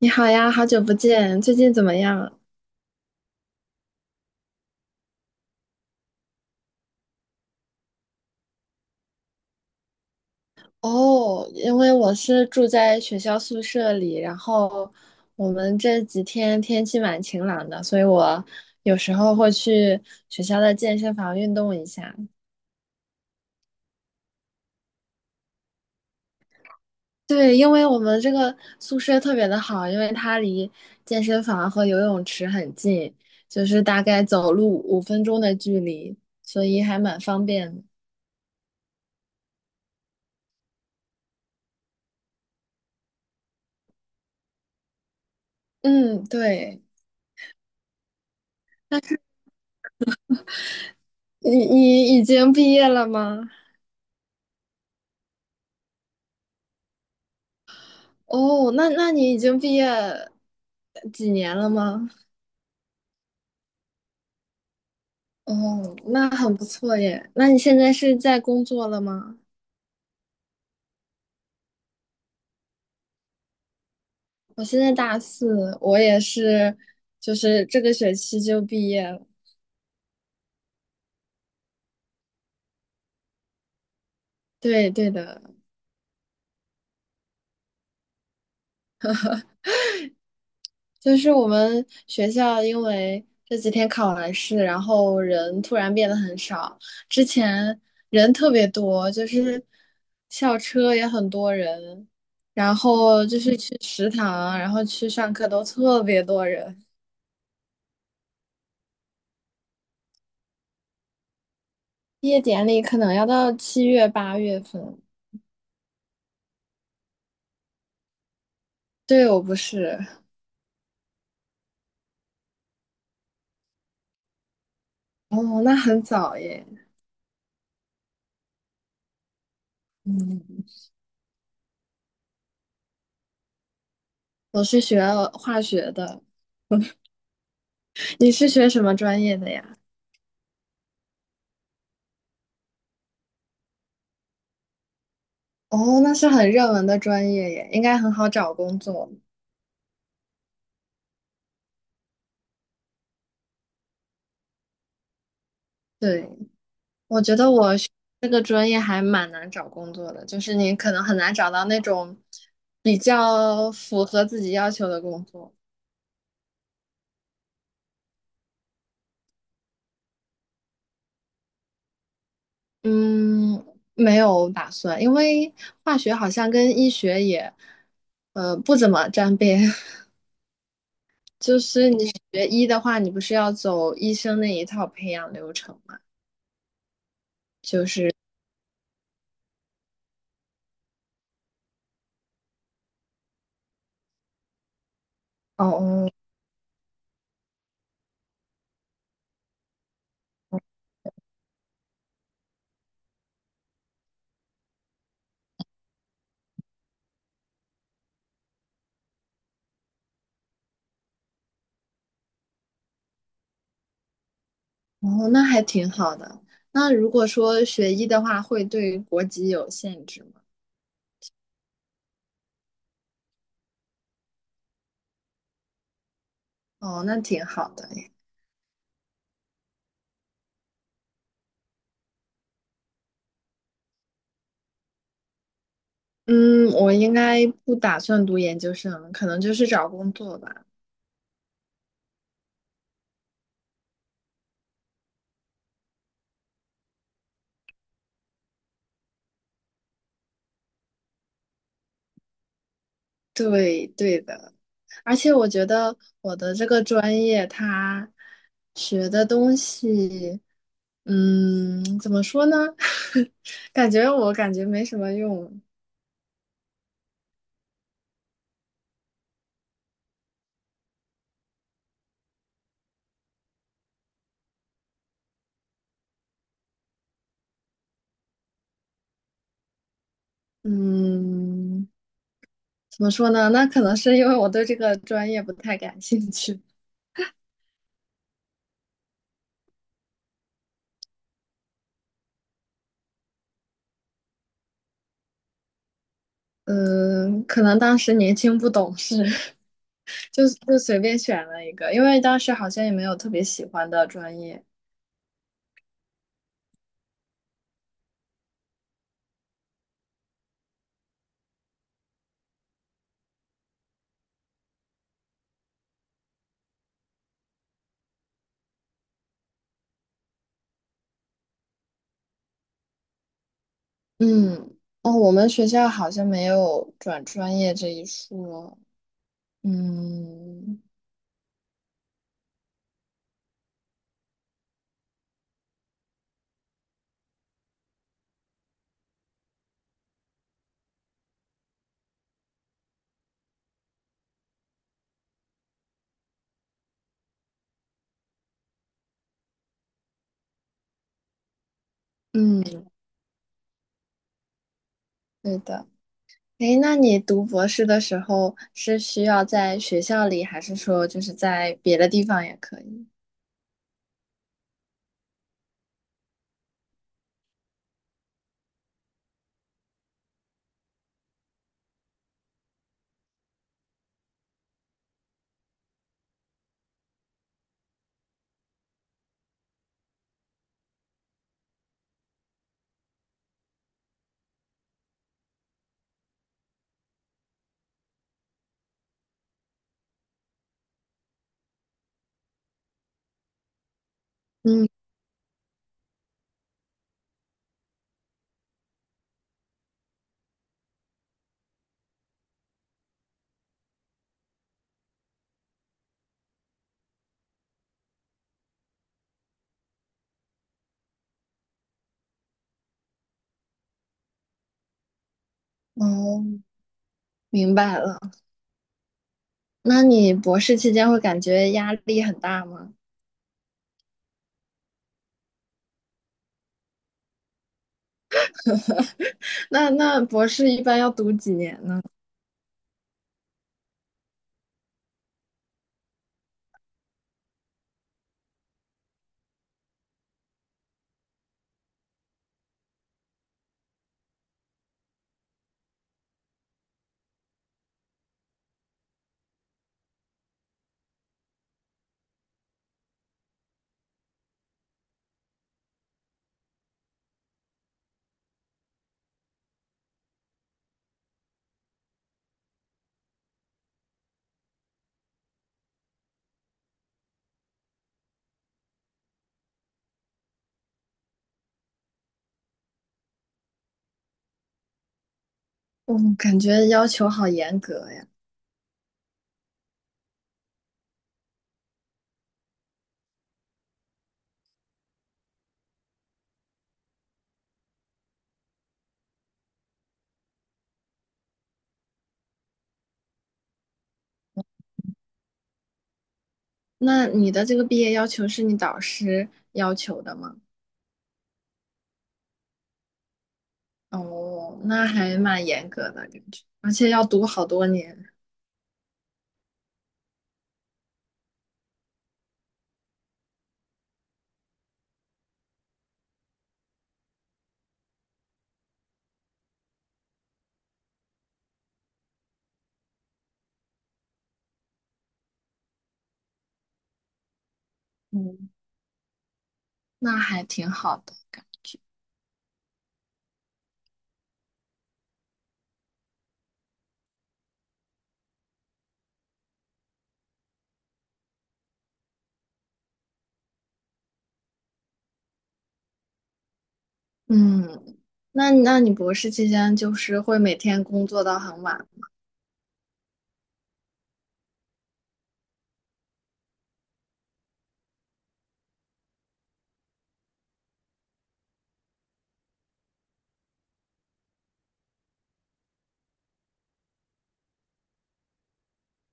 你好呀，好久不见，最近怎么样？哦，因为我是住在学校宿舍里，然后我们这几天天气蛮晴朗的，所以我有时候会去学校的健身房运动一下。对，因为我们这个宿舍特别的好，因为它离健身房和游泳池很近，就是大概走路5分钟的距离，所以还蛮方便的。嗯，对。你已经毕业了吗？哦，那你已经毕业几年了吗？哦，那很不错耶。那你现在是在工作了吗？我现在大四，我也是，就是这个学期就毕业了。对对的。就是我们学校因为这几天考完试，然后人突然变得很少，之前人特别多，就是校车也很多人，然后就是去食堂，然后去上课都特别多人。毕业典礼可能要到7月8月份。对，我不是。哦，那很早耶。嗯，我是学化学的。你是学什么专业的呀？哦，那是很热门的专业耶，应该很好找工作。对，我觉得我学这个专业还蛮难找工作的，就是你可能很难找到那种比较符合自己要求的工作。嗯，没有打算，因为化学好像跟医学也，不怎么沾边。就是你学医的话，你不是要走医生那一套培养流程吗？哦哦。哦，那还挺好的。那如果说学医的话，会对国籍有限制吗？哦，那挺好的诶。嗯，我应该不打算读研究生，可能就是找工作吧。对，对的。而且我觉得我的这个专业，它学的东西，嗯，怎么说呢？感觉我感觉没什么用。嗯，怎么说呢？那可能是因为我对这个专业不太感兴趣。嗯，可能当时年轻不懂事，就随便选了一个，因为当时好像也没有特别喜欢的专业。嗯。哦，我们学校好像没有转专业这一说。嗯。嗯，对的。诶，那你读博士的时候是需要在学校里，还是说就是在别的地方也可以？嗯。哦，明白了。那你博士期间会感觉压力很大吗？那博士一般要读几年呢？我感觉要求好严格呀。那你的这个毕业要求是你导师要求的吗？哦，那还蛮严格的感觉，而且要读好多年。嗯，那还挺好的。嗯，那你博士期间就是会每天工作到很晚？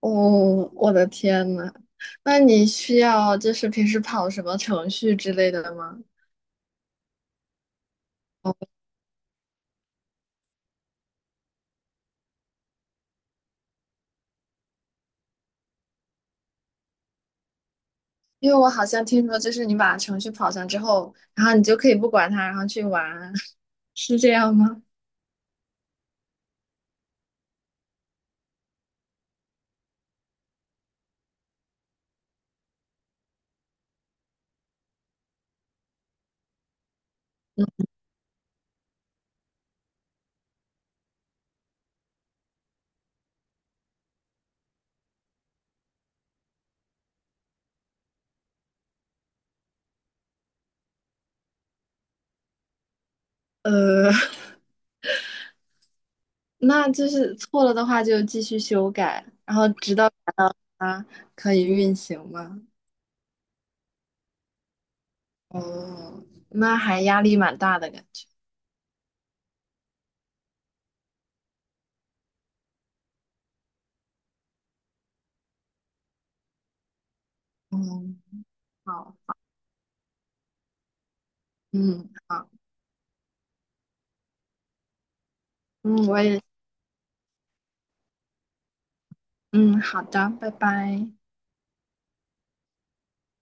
哦，我的天呐，那你需要就是平时跑什么程序之类的吗？因为我好像听说，就是你把程序跑上之后，然后你就可以不管它，然后去玩，是这样吗？呃，那就是错了的话就继续修改，然后直到它可以运行吗？哦，那还压力蛮大的感觉。嗯，好。嗯，好。嗯，我也。嗯，好的，拜拜。